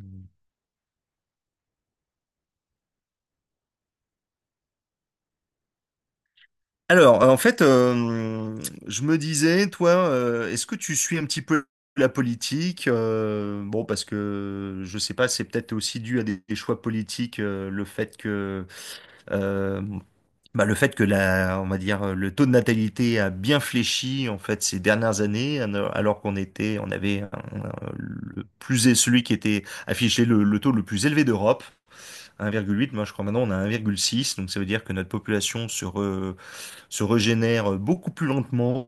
Mm. Alors, en fait, je me disais, toi, est-ce que tu suis un petit peu la politique? Bon, parce que je sais pas, c'est peut-être aussi dû à des choix politiques, le fait que, euh, le fait que la, on va dire, le taux de natalité a bien fléchi en fait ces dernières années, alors qu'on était, on avait un- le plus celui qui était affiché le taux le plus élevé d'Europe, 1,8. Moi, je crois maintenant on a 1,6, donc ça veut dire que notre population se régénère beaucoup plus lentement.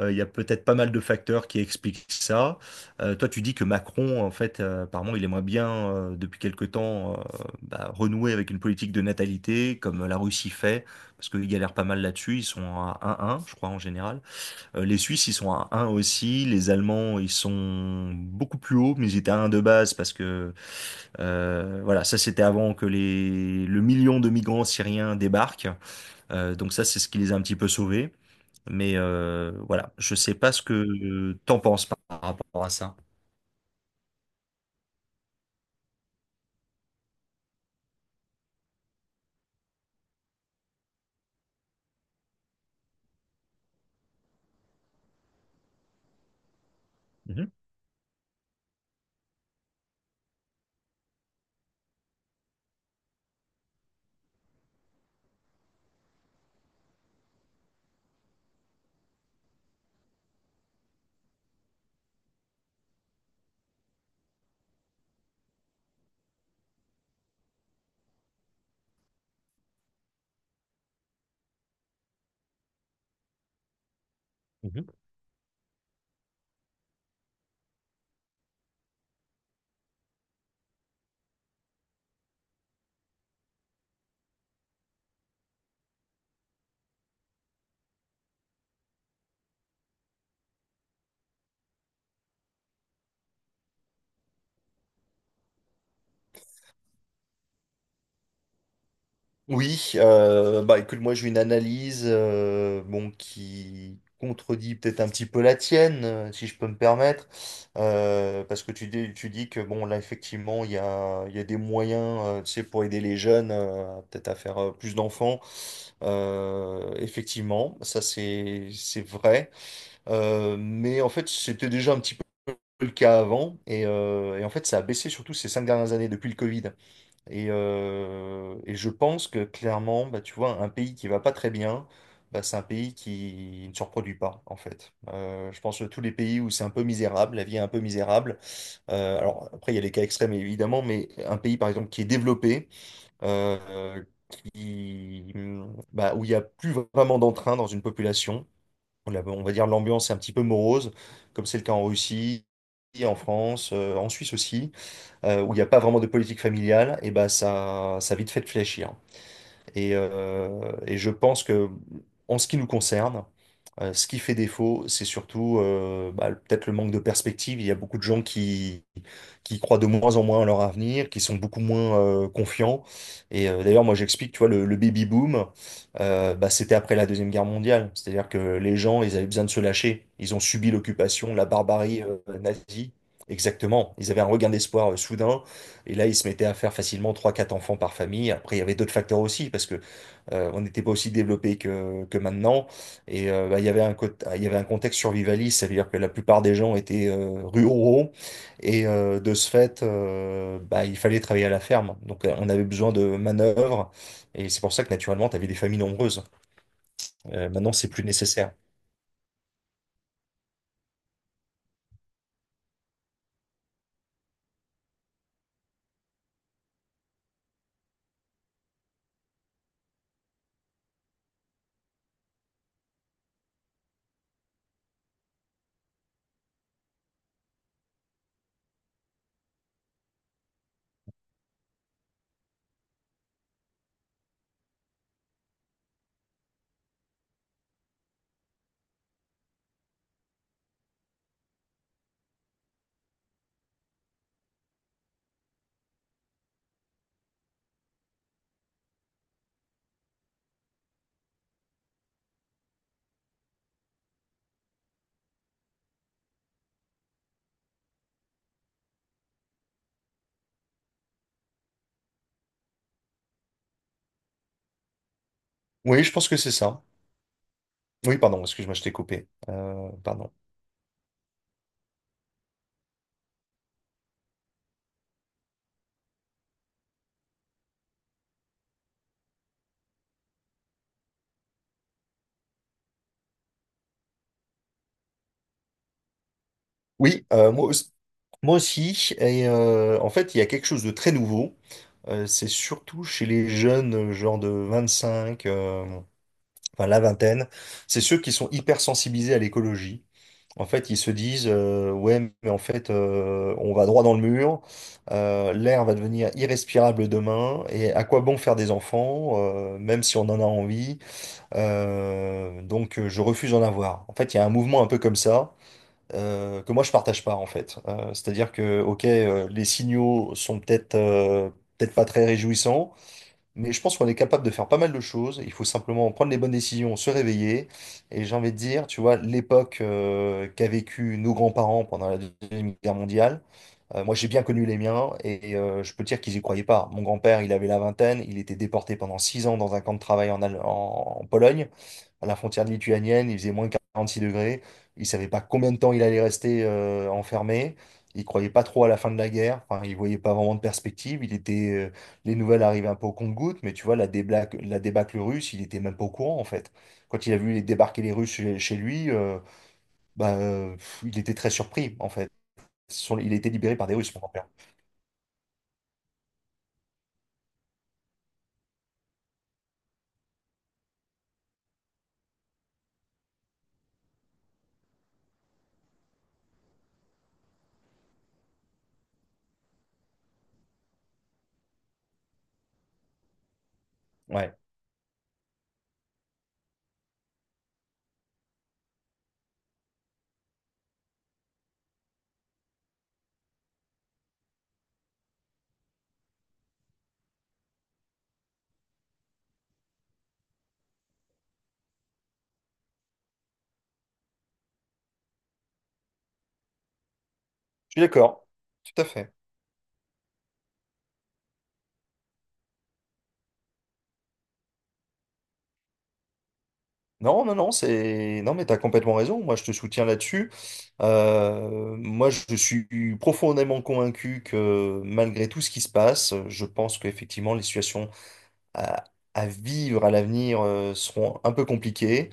Il y a peut-être pas mal de facteurs qui expliquent ça. Toi, tu dis que Macron, en fait, apparemment, il aimerait bien, depuis quelque temps, renouer avec une politique de natalité, comme la Russie fait, parce qu'ils galèrent pas mal là-dessus. Ils sont à un, je crois, en général. Les Suisses, ils sont à un aussi. Les Allemands, ils sont beaucoup plus hauts, mais ils étaient à un de base, parce que, voilà, ça, c'était avant que le million de migrants syriens débarquent. Donc ça, c'est ce qui les a un petit peu sauvés. Mais voilà, je sais pas ce que t'en penses par rapport à ça. Mhm. Mhm. Oui, bah écoute, moi j'ai une analyse bon, qui contredit peut-être un petit peu la tienne, si je peux me permettre, parce que tu dis que bon là effectivement il y a des moyens tu sais, pour aider les jeunes peut-être à faire plus d'enfants. Effectivement, ça c'est vrai. Mais en fait, c'était déjà un petit peu le cas avant. Et en fait, ça a baissé surtout ces 5 dernières années depuis le Covid. Et je pense que clairement, bah, tu vois, un pays qui va pas très bien, bah, c'est un pays qui ne se reproduit pas, en fait. Je pense que tous les pays où c'est un peu misérable, la vie est un peu misérable. Alors après, il y a les cas extrêmes, évidemment, mais un pays, par exemple, qui est développé, euh, qui, bah, où il n'y a plus vraiment d'entrain dans une population, on va dire l'ambiance est un petit peu morose, comme c'est le cas en Russie, en France, en Suisse aussi, où il n'y a pas vraiment de politique familiale, et ben ça a vite fait de fléchir. Et je pense que, en ce qui nous concerne, ce qui fait défaut, c'est surtout bah, peut-être le manque de perspective. Il y a beaucoup de gens qui croient de moins en moins à leur avenir, qui sont beaucoup moins confiants. Et d'ailleurs, moi, j'explique, tu vois, le baby boom, bah, c'était après la Deuxième Guerre mondiale. C'est-à-dire que les gens, ils avaient besoin de se lâcher. Ils ont subi l'occupation, la barbarie nazie. Exactement. Ils avaient un regain d'espoir soudain. Et là, ils se mettaient à faire facilement trois, quatre enfants par famille. Après, il y avait d'autres facteurs aussi, parce que on n'était pas aussi développé que maintenant. Et bah, il y avait il y avait un contexte survivaliste, ça veut dire que la plupart des gens étaient ruraux. Et de ce fait, bah, il fallait travailler à la ferme. Donc, on avait besoin de manœuvres. Et c'est pour ça que, naturellement, tu avais des familles nombreuses. Maintenant, c'est plus nécessaire. Oui, je pense que c'est ça. Oui, pardon, excuse-moi, je t'ai coupé. Pardon. Oui, moi aussi. Et en fait, il y a quelque chose de très nouveau. C'est surtout chez les jeunes, genre de 25, enfin la vingtaine. C'est ceux qui sont hyper sensibilisés à l'écologie. En fait, ils se disent, ouais, mais en fait, on va droit dans le mur. L'air va devenir irrespirable demain. Et à quoi bon faire des enfants, même si on en a envie. Donc, je refuse d'en avoir. En fait, il y a un mouvement un peu comme ça que moi je partage pas en fait. C'est-à-dire que ok, les signaux sont peut-être pas très réjouissants, mais je pense qu'on est capable de faire pas mal de choses. Il faut simplement prendre les bonnes décisions, se réveiller. Et j'ai envie de dire, tu vois, l'époque qu'a vécu nos grands-parents pendant la Deuxième Guerre mondiale, moi j'ai bien connu les miens et je peux te dire qu'ils y croyaient pas. Mon grand-père, il avait la vingtaine, il était déporté pendant 6 ans dans un camp de travail en Pologne, à la frontière lituanienne, il faisait moins de 46 degrés. Il savait pas combien de temps il allait rester enfermé. Il croyait pas trop à la fin de la guerre. Enfin, il voyait pas vraiment de perspective. Il était les nouvelles arrivaient un peu au compte-gouttes, mais tu vois, la débâcle russe, il était même pas au courant, en fait. Quand il a vu les débarquer les Russes chez lui, bah, il était très surpris, en fait. Il a été libéré par des Russes, mon grand-père. Ouais. Je suis d'accord. Tout à fait. Non, non, non, non, mais t'as complètement raison. Moi, je te soutiens là-dessus. Moi, je suis profondément convaincu que malgré tout ce qui se passe, je pense qu'effectivement, les situations à, à vivre à l'avenir seront un peu compliquées.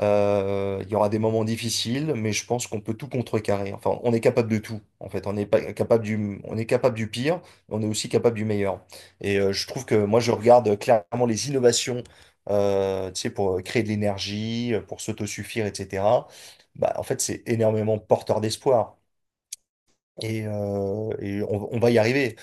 Il y aura des moments difficiles, mais je pense qu'on peut tout contrecarrer. Enfin, on est capable de tout, en fait. On est pas capable du, on est capable du pire, mais on est aussi capable du meilleur. Et je trouve que moi, je regarde clairement les innovations, tu sais, pour créer de l'énergie, pour s'autosuffire, etc. Bah, en fait, c'est énormément porteur d'espoir. Et on va y arriver.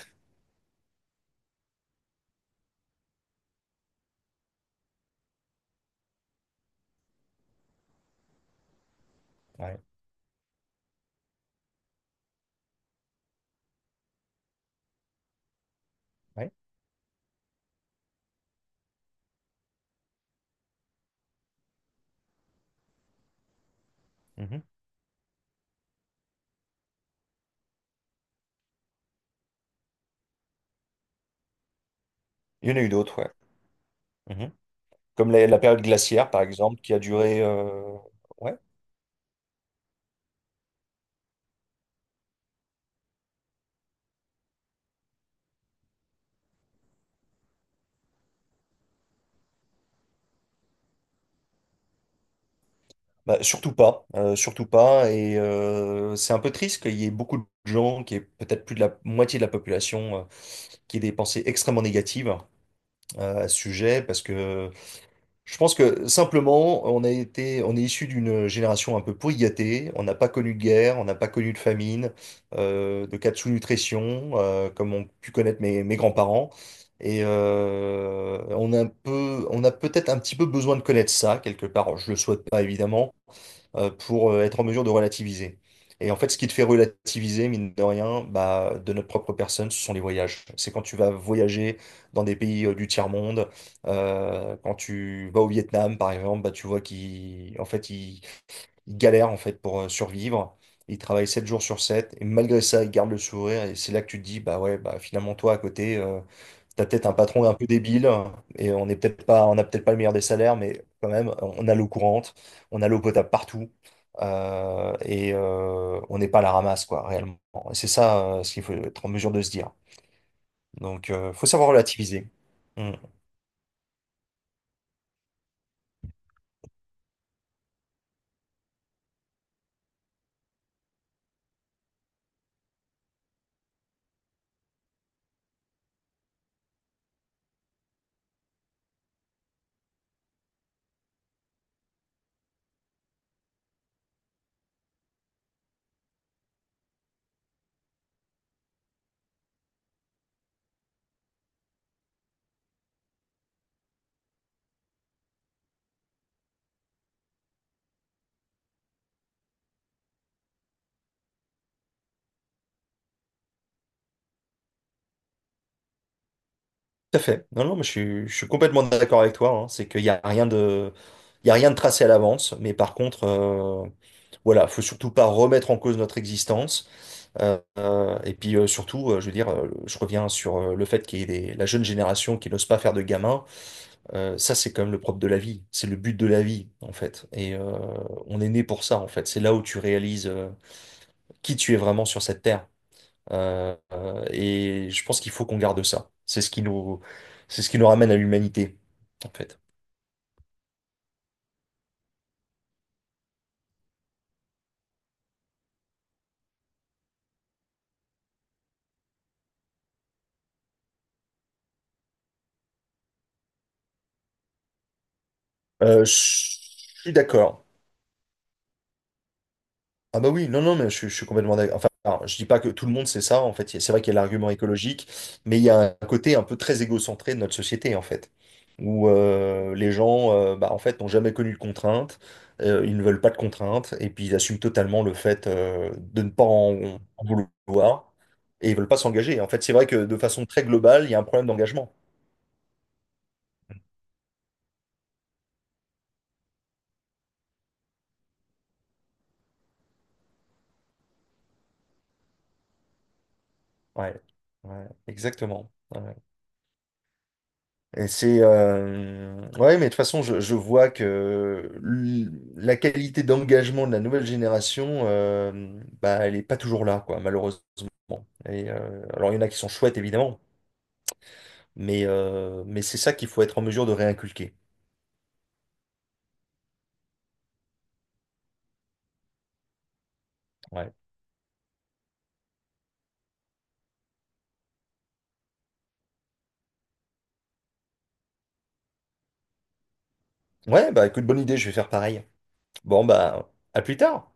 Ouais. Ouais. Mhm. Il y en a eu d'autres, ouais. Mhm. Comme la période glaciaire, par exemple, qui a duré... Ouais, bah, surtout pas, surtout pas. Et c'est un peu triste qu'il y ait beaucoup de gens, qui est peut-être plus de la moitié de la population, qui aient des pensées extrêmement négatives à ce sujet, parce que je pense que simplement, on a été, on est issu d'une génération un peu pourrigatée. On n'a pas connu de guerre, on n'a pas connu de famine, de cas de sous-nutrition, comme ont pu connaître mes grands-parents. Et on a un peu, on a peut-être un petit peu besoin de connaître ça quelque part. Je le souhaite pas évidemment, pour être en mesure de relativiser. Et en fait, ce qui te fait relativiser, mine de rien, bah, de notre propre personne, ce sont les voyages. C'est quand tu vas voyager dans des pays du tiers-monde, quand tu vas au Vietnam, par exemple, bah, tu vois qu'ils, en fait, ils galèrent en fait pour survivre. Ils travaillent 7 jours sur 7 et malgré ça, ils gardent le sourire. Et c'est là que tu te dis, bah ouais, bah finalement, toi, à côté, t'as peut-être un patron un peu débile et on n'est peut-être pas, on n'a peut-être pas le meilleur des salaires, mais quand même, on a l'eau courante, on a l'eau potable partout et on n'est pas à la ramasse, quoi, réellement. Et c'est ça ce qu'il faut être en mesure de se dire. Donc, faut savoir relativiser. Mmh. Tout à fait. Non, non, mais je suis complètement d'accord avec toi. Hein. C'est qu'il n'y a rien de, il y a rien de tracé à l'avance. Mais par contre, voilà, faut surtout pas remettre en cause notre existence. Et puis surtout, je veux dire, je reviens sur le fait qu'il y ait la jeune génération qui n'ose pas faire de gamin. Ça, c'est quand même le propre de la vie. C'est le but de la vie, en fait. Et on est né pour ça, en fait. C'est là où tu réalises qui tu es vraiment sur cette terre. Et je pense qu'il faut qu'on garde ça. C'est ce qui nous ramène à l'humanité, en fait. Je suis d'accord. Ah bah oui, non, non, mais je suis complètement d'accord. Enfin, alors, je dis pas que tout le monde sait ça, en fait. C'est vrai qu'il y a l'argument écologique, mais il y a un côté un peu très égocentré de notre société, en fait, où les gens, bah, en fait, n'ont jamais connu de contraintes, ils ne veulent pas de contraintes, et puis ils assument totalement le fait de ne pas en vouloir, et ils veulent pas s'engager. En fait, c'est vrai que de façon très globale, il y a un problème d'engagement. Ouais, ouais, exactement. Ouais. Et c'est ouais, mais de toute façon, je vois que la qualité d'engagement de la nouvelle génération, bah, elle est pas toujours là, quoi, malheureusement. Et alors, il y en a qui sont chouettes, évidemment, mais mais c'est ça qu'il faut être en mesure de réinculquer. Ouais. Ouais, bah écoute, bonne idée, je vais faire pareil. Bon, bah à plus tard.